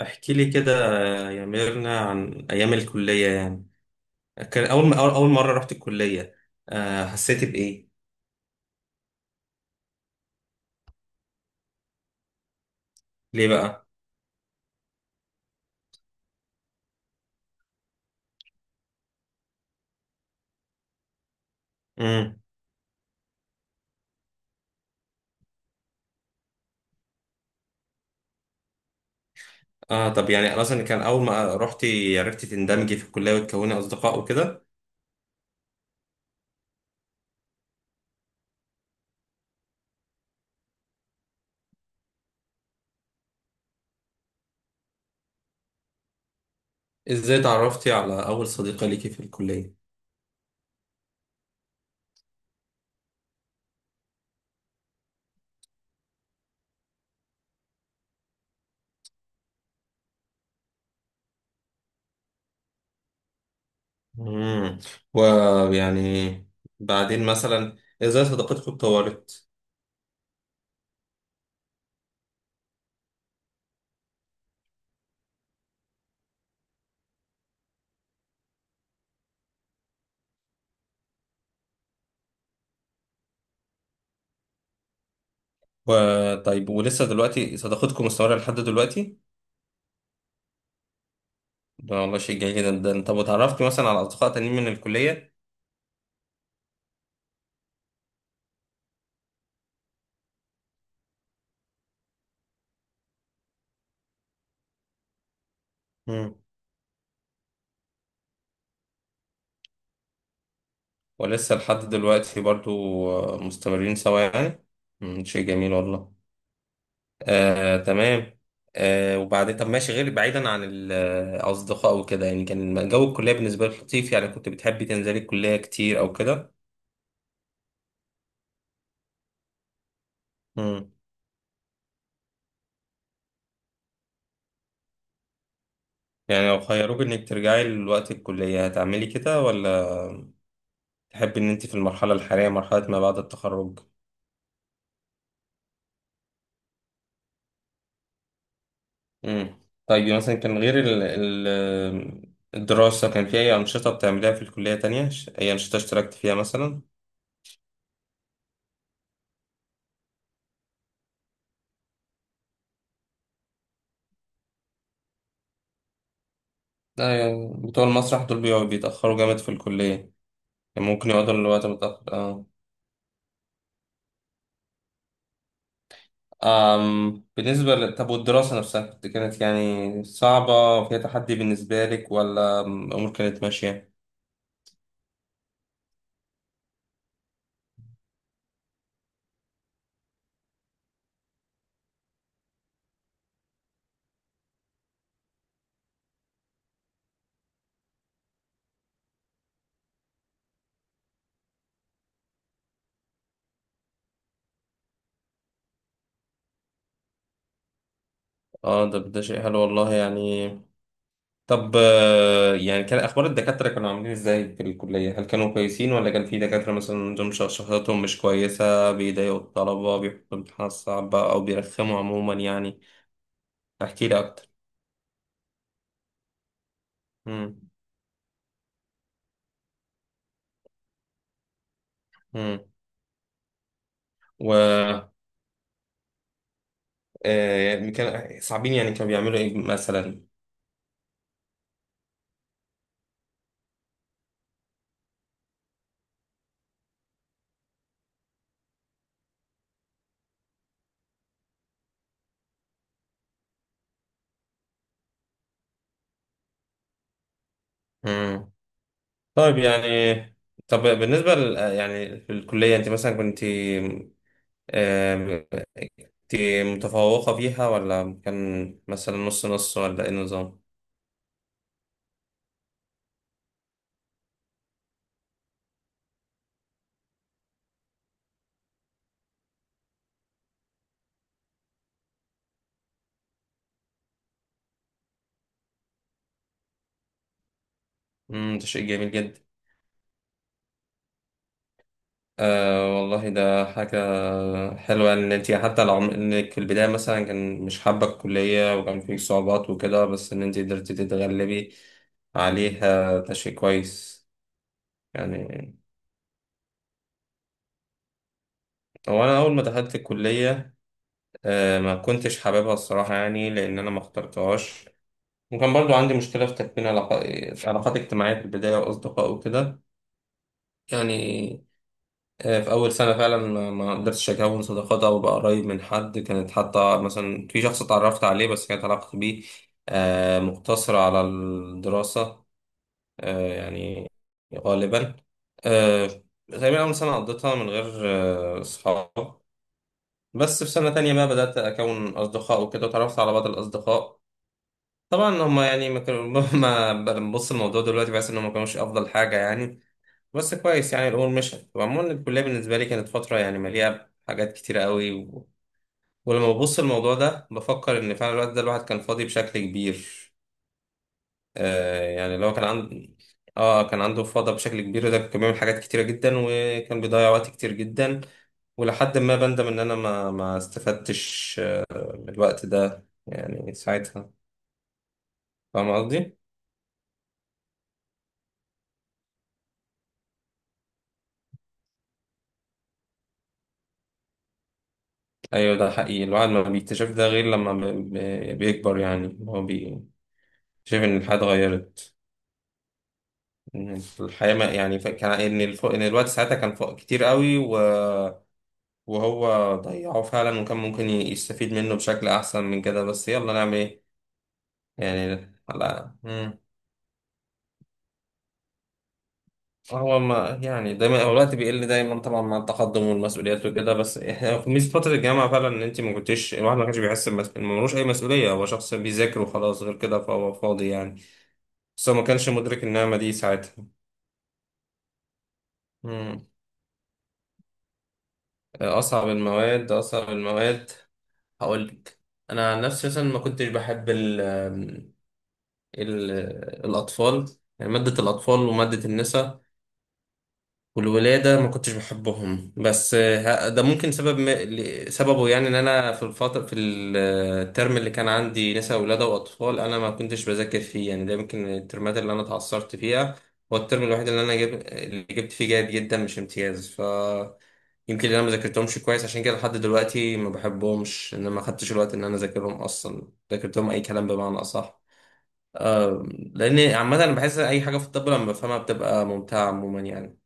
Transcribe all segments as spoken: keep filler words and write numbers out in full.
احكي لي كده يا ميرنا عن ايام الكليه يعني. كان اول ما اول أول مره رحت الكليه، آه، حسيت بايه؟ ليه بقى؟ امم. اه طب يعني اصلا كان اول ما رحتي عرفتي تندمجي في الكليه وتكوني اصدقاء وكده؟ ازاي تعرفتي على اول صديقه ليكي في الكليه؟ امم. ويعني بعدين مثلا ازاي صداقتكم اتطورت؟ وطيب، ولسه دلوقتي صداقتكم مستمره لحد دلوقتي؟ ده والله شيء جميل جدا. ده انت اتعرفت مثلا على اصدقاء تانيين من الكليه؟ ولسه لحد دلوقتي برضو؟ آه، مستمرين سوا يعني. مم، شيء جميل والله. آه تمام. آه وبعدين طب ماشي، غير بعيدا عن الأصدقاء وكده، يعني كان جو الكلية بالنسبة لك لطيف؟ يعني كنت بتحبي تنزلي الكلية كتير أو كده؟ مم. يعني لو خيروك إنك ترجعي لوقت الكلية هتعملي كده ولا تحبي إن أنت في المرحلة الحالية، مرحلة ما بعد التخرج؟ امم. طيب مثلا كان غير ال... ال... الدراسة كان في أي أنشطة بتعمليها في الكلية تانية؟ ش- أي أنشطة اشتركت فيها مثلا؟ لا يعني بتوع المسرح دول بيقعدوا- بيتأخروا جامد في الكلية. يعني ممكن يقعدوا للوقت متأخر، اه. أم... بالنسبة ل... طب والدراسة نفسها، كنت- كانت يعني صعبة، فيها تحدي بالنسبة لك، ولا أم- الأمور كانت ماشية؟ اه ده ده شيء حلو والله يعني. طب آه، يعني كان اخبار الدكاتره كانوا عاملين ازاي في الكليه؟ هل كانوا كويسين ولا كان في دكاتره مثلا دول شخ- شخصيتهم مش كويسه، بيضايقوا الطلبه، بيحطوا امتحانات صعبه او بيرخموا عموما يعني؟ احكي لي اكتر. امم. امم. و آه، يعني كان صعبين، يعني كانوا بيعملوا ايه مثلا؟ امم. طيب يعني طب بالنسبه ل... يعني في الكليه انت مثلا كنت آه، كنت متفوقه فيها، ولا كان مثلا نص نص، ولا ايه النظام؟ امم، ده شيء جميل جدا. آه والله ده حاجة حلوة إن أنت حتى لو عم- إنك في البداية مثلا كان مش حابة الكلية وكان فيك صعوبات وكده، بس إن أنت قدرتي تتغلبي عليها، ده شيء كويس يعني. هو أنا أول ما دخلت الكلية آه ما كنتش حاببها الصراحة، يعني لأن أنا ما اخترتهاش، وكان برضو عندي مشكلة في تكوين علاقات علاقات اجتماعية في البداية وأصدقاء وكده يعني. آه، في أول سنة فعلا ما ما قدرتش أكون صداقات أو أبقى قريب من حد. كانت حتى مثلا في شخص اتعرفت عليه، بس كانت علاقتي بيه آه، مقتصرة على الدراسة. آه، يعني غالبا آه، تقريبا أول سنة قضيتها من غير آه، أصحاب. بس في سنة تانية بقى بدأت أكون أصدقاء وكده، وتعرفت على بعض الأصدقاء. طبعا هما يعني ما كانوا ما ببص الموضوع دلوقتي بحس إنهم ما كانوش أفضل حاجة يعني. بس كويس يعني الامور مشت، وعموما الكليه بالنسبه لي كانت فتره يعني مليئه بحاجات كتيره قوي و... ولما ببص الموضوع ده بفكر ان فعلا الوقت ده الواحد كان فاضي بشكل كبير. آه يعني لو كان عنده، اه كان عنده فضا بشكل كبير، ده كان بيعمل حاجات كتيره جدا وكان بيضيع وقت كتير جدا. ولحد ما بندم ان انا ما ما استفدتش آه، من الوقت ده يعني ساعتها. فاهم قصدي؟ ايوه ده حقيقي. الواحد ما بيكتشف ده غير لما ب- ب- بيكبر، يعني هو بيكتشف ان الحياه اتغيرت. إن الحياة ما يعني ف- كان إن الف... إن الوقت ساعتها كان فوق كتير قوي و... وهو ضيعه فعلا، وكان ممكن ي- يستفيد منه بشكل أحسن من كده، بس يلا نعمل إيه يعني. لا مم. هو ما يعني دايما هو الوقت بيقل دايما طبعا مع التقدم والمسؤوليات وكده، بس إحنا- ميزة فترة الجامعة فعلا إن أنت ما كنتش، الواحد ما كانش بيحس بمس... إن ملوش أي مسؤولية، هو شخص بيذاكر وخلاص غير كده، فهو فاضي يعني. بس هو ما كانش مدرك النعمة دي ساعتها. مم. أصعب المواد أصعب المواد هقول لك. انا عن نفسي مثلا ما كنتش بحب ال ال الاطفال يعني ماده الاطفال وماده النساء والولادة ما كنتش بحبهم. بس آه، ه- ده ممكن سبب م... ل- سببه يعني ان انا في الفترة في ال- آه، الترم اللي كان عندي نساء ولادة واطفال انا ما كنتش بذاكر فيه يعني. ده يمكن الترمات اللي انا اتعثرت فيها. هو الترم الوحيد اللي انا جاب... اللي جبت فيه جيد جدا مش امتياز، ف يمكن انا ما ذاكرتهمش كويس عشان كده لحد دلوقتي ما بحبهمش، ان أنا ما خدتش الوقت ان انا اذاكرهم اصلا، ذاكرتهم اي كلام بمعنى اصح. لان عامة انا بحس اي حاجة في الطب لما بفهمها بتبقى ممتعة عموما يعني.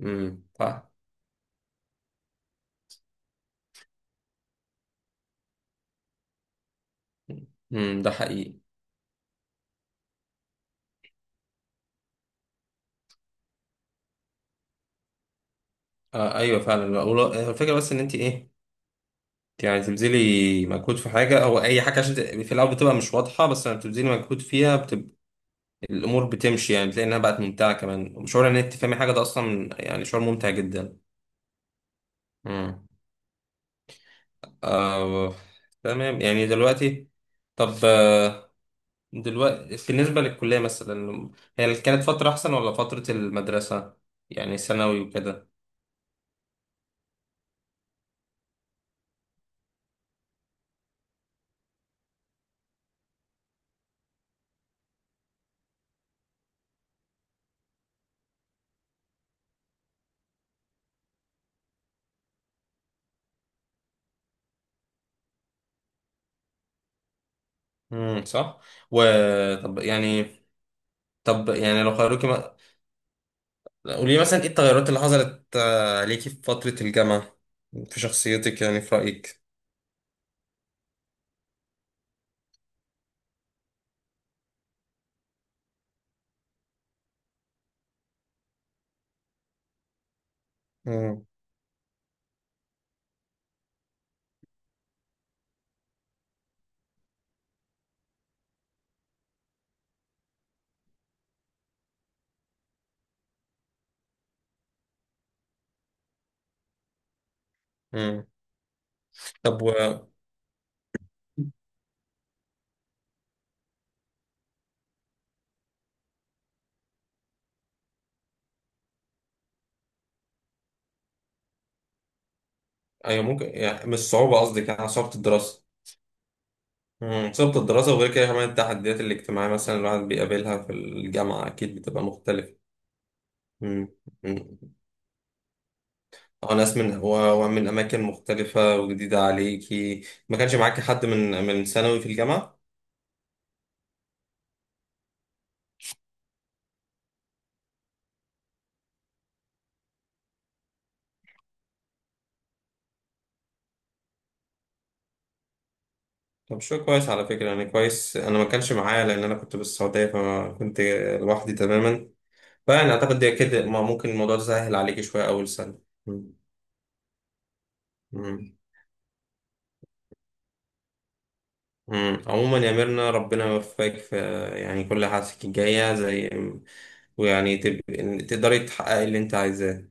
امم. امم ده حقيقي. آه ايوه فعلا والله، هو الفكره بس ان انت ايه، انت يعني تبذلي مجهود في حاجه او اي حاجه عشان ت- في الاول بتبقى مش واضحه، بس لما بتبذلي مجهود فيها بتبقى الامور بتمشي، يعني بتلاقي انها بقت ممتعه كمان. وشعور ان انت تفهمي حاجه ده اصلا يعني شعور ممتع جدا. امم. آه تمام. يعني دلوقتي طب آه، دلوقتي بالنسبه للكليه مثلا، هي كانت فتره احسن ولا فتره المدرسه، يعني ثانوي وكده؟ امم صح. وطب يعني طب يعني لو خيروكي قولي مثلا ايه التغيرات اللي حصلت آه، عليكي في فترة الجامعة في شخصيتك يعني في رأيك؟ مم. مم. طب و ايوه ممكن، يعني مش صعوبة، قصدك يعني صعوبة الدراسة؟ مم. صعوبة الدراسة وغير كده كمان التحديات الاجتماعية مثلا الواحد بيقابلها في الجامعة أكيد بتبقى مختلفة. مم. مم. وناس من و- ومن أماكن مختلفة وجديدة عليكي. ما كانش معاكي حد من من ثانوي في الجامعة؟ طب شو كويس على فكرة، يعني كويس. أنا ما كانش معايا، لأن أنا كنت في السعودية، فكنت لوحدي تماما. فأنا أعتقد ده كده ما ممكن الموضوع ده سهل عليك شوية أول سنة. مم. مم. مم. عموما يا ميرنا ربنا يوفقك في يعني كل حاجتك الجاية زي ويعني تب... تقدري تحققي اللي أنت عايزاه.